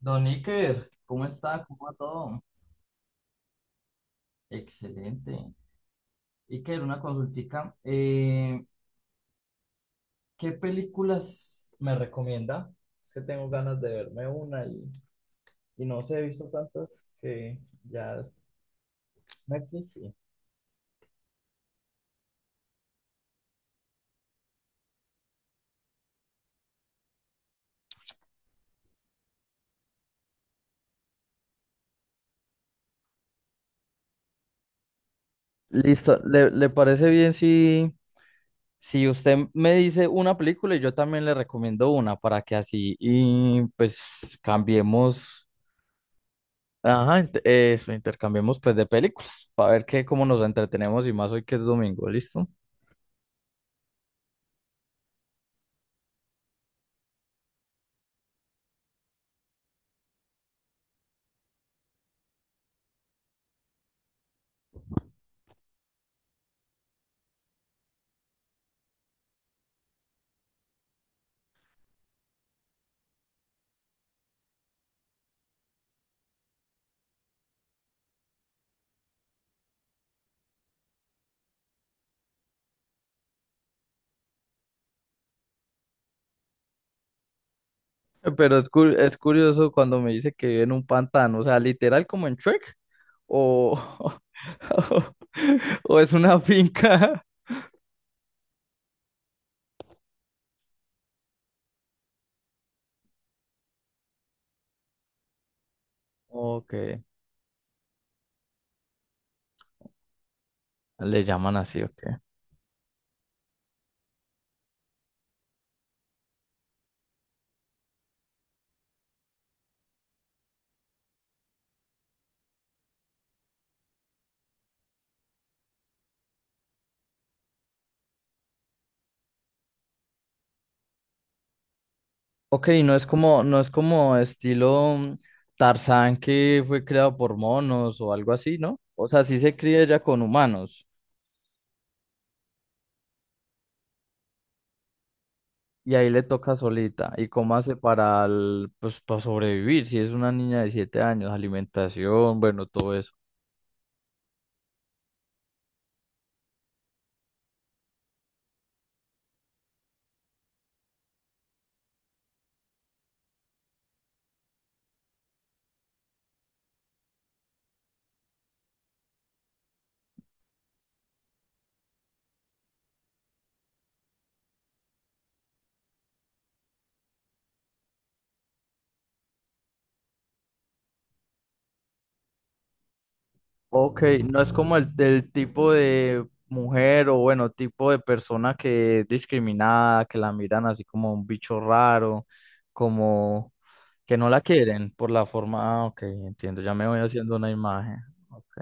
Don Iker, ¿cómo está? ¿Cómo va todo? Excelente. Iker, una consultica. ¿Qué películas me recomienda? Es que tengo ganas de verme una y, no sé, he visto tantas que ya es- Netflix, sí. Listo, ¿le parece bien si, si usted me dice una película y yo también le recomiendo una para que así y pues cambiemos? Ajá, eso, intercambiemos pues de películas para ver qué, cómo nos entretenemos y más hoy que es domingo, ¿listo? Pero es, es curioso cuando me dice que vive en un pantano, o sea, literal como en Shrek o, o es una finca. Ok, le llaman así, ok. Ok, no es como, no es como estilo Tarzán que fue creado por monos o algo así, ¿no? O sea, sí se cría ya con humanos. Y ahí le toca solita. ¿Y cómo hace para, pues, para sobrevivir? Si es una niña de 7 años, alimentación, bueno, todo eso. Ok, no es como el, del tipo de mujer o bueno, tipo de persona que es discriminada, que la miran así como un bicho raro, como que no la quieren por la forma. Ah, ok, entiendo, ya me voy haciendo una imagen. Ok.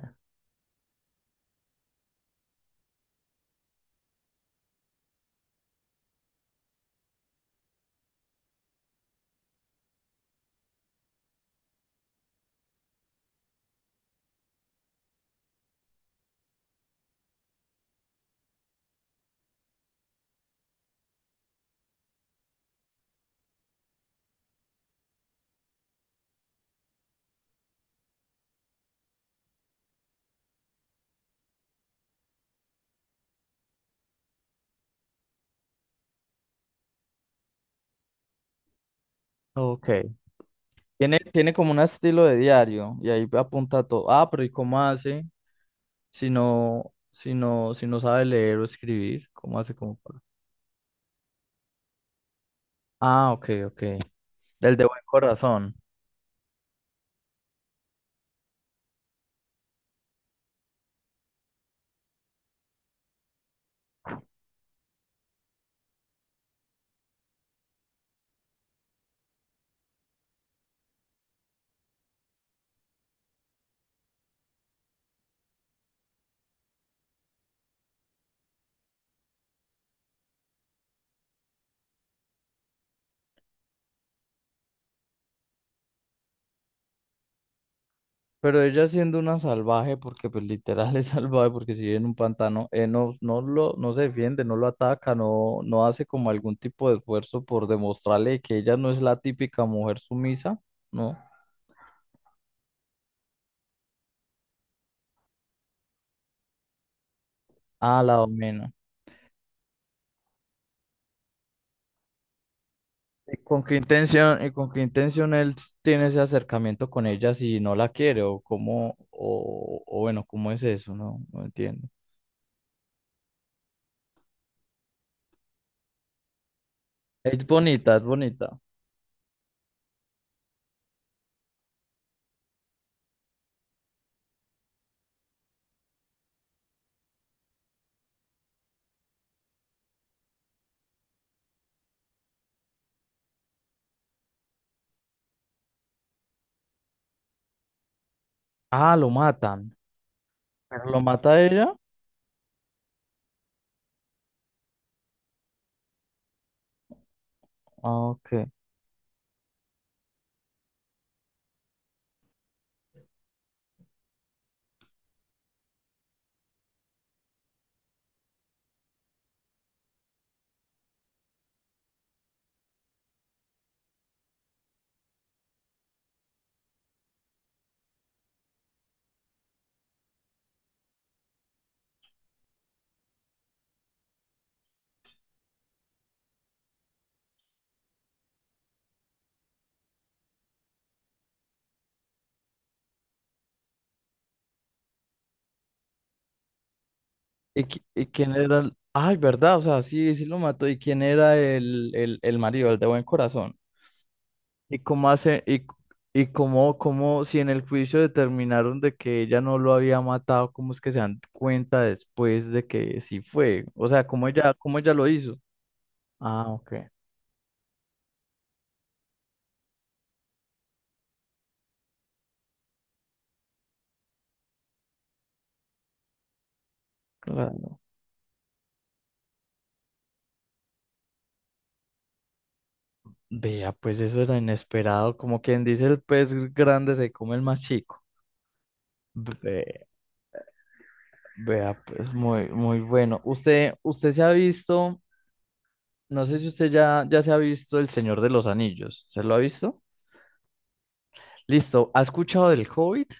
Ok. Tiene, tiene como un estilo de diario y ahí apunta todo. Ah, pero ¿y cómo hace? Si no, si no sabe leer o escribir, ¿cómo hace como para...? Ah, ok, ok. Del de buen corazón. Pero ella siendo una salvaje, porque pues literal es salvaje, porque si vive en un pantano, no, no se defiende, no lo ataca, no, no hace como algún tipo de esfuerzo por demostrarle que ella no es la típica mujer sumisa, ¿no? Ah, la domina. ¿Y con qué intención, él tiene ese acercamiento con ella si no la quiere o cómo, o bueno, ¿cómo es eso? No, no entiendo. Es bonita, es bonita. Ah, lo matan. ¿Pero lo mata ella? Ah, ok. ¿Y, y quién era el... Ay, verdad, o sea, sí, sí lo mató. ¿Y quién era el, el marido, el de buen corazón? ¿Y cómo hace, y cómo, si en el juicio determinaron de que ella no lo había matado, cómo es que se dan cuenta después de que sí fue? O sea, cómo ella lo hizo? Ah, ok. Claro. Vea, pues eso era inesperado, como quien dice el pez grande se come el más chico. Ve- Vea, pues muy, muy bueno. Usted, usted se ha visto, no sé si usted ya, ya se ha visto El Señor de los Anillos, ¿se lo ha visto? Listo, ¿ha escuchado del Hobbit?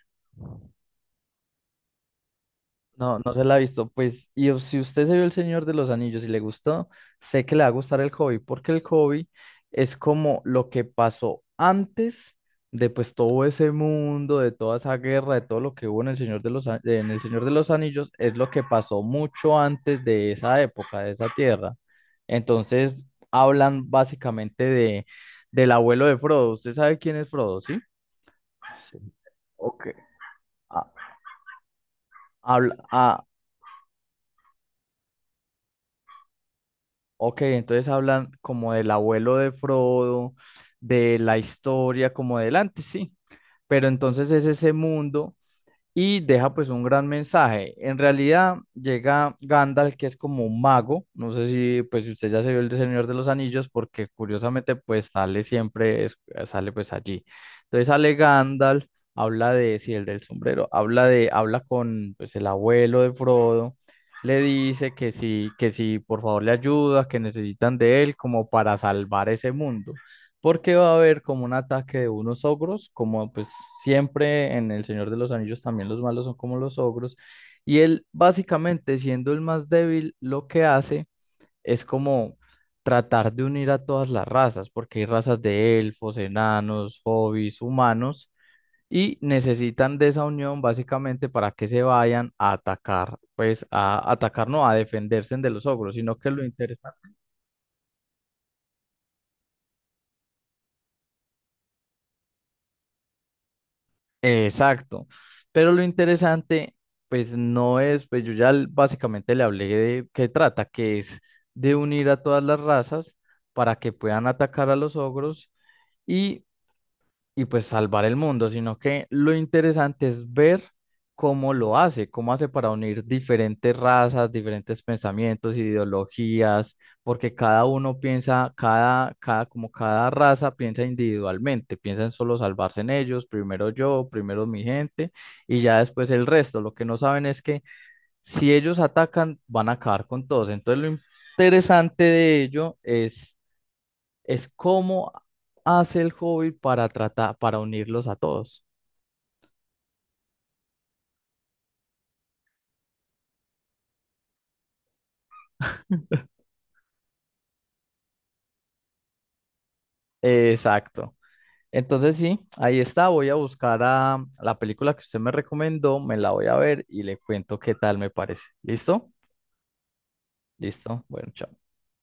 No, no se la ha visto. Pues, si usted se vio El Señor de los Anillos y le gustó, sé que le va a gustar el Hobbit, porque el Hobbit es como lo que pasó antes de pues todo ese mundo, de toda esa guerra, de todo lo que hubo en el Señor de los, en el Señor de los Anillos, es lo que pasó mucho antes de esa época, de esa tierra. Entonces, hablan básicamente de del abuelo de Frodo. ¿Usted sabe quién es Frodo, sí? Sí. Ok. Ah, habla- ah, Ok, entonces hablan como del abuelo de Frodo, de la historia como del antes, sí. Pero entonces es ese mundo y deja pues un gran mensaje. En realidad llega Gandalf, que es como un mago, no sé si pues si usted ya se vio el de Señor de los Anillos, porque curiosamente pues sale siempre, sale pues allí. Entonces sale Gandalf, habla de, sí, el del sombrero, habla de, habla con pues el abuelo de Frodo, le dice que sí, por favor le ayuda, que necesitan de él como para salvar ese mundo porque va a haber como un ataque de unos ogros, como pues siempre en El Señor de los Anillos también los malos son como los ogros, y él básicamente siendo el más débil lo que hace es como tratar de unir a todas las razas, porque hay razas de elfos, enanos, hobbits, humanos, y necesitan de esa unión básicamente para que se vayan a atacar, pues a atacar no, a defenderse de los ogros, sino que lo interesante Exacto. Pero lo interesante, pues no es, pues básicamente le hablé de qué trata, que es de unir a todas las razas para que puedan atacar a los ogros y pues salvar el mundo, sino que lo interesante es ver cómo lo hace, cómo hace para unir diferentes razas, diferentes pensamientos, ideologías, porque cada uno piensa, cada, como cada raza piensa individualmente, piensa en solo salvarse en ellos, primero yo, primero mi gente y ya después el resto. Lo que no saben es que si ellos atacan, van a acabar con todos. Entonces lo interesante de ello es cómo hace el hobby para tratar, para unirlos a todos. Exacto. Entonces sí, ahí está. Voy a buscar a la película que usted me recomendó, me la voy a ver y le cuento qué tal me parece. ¿Listo? Listo. Bueno, chao.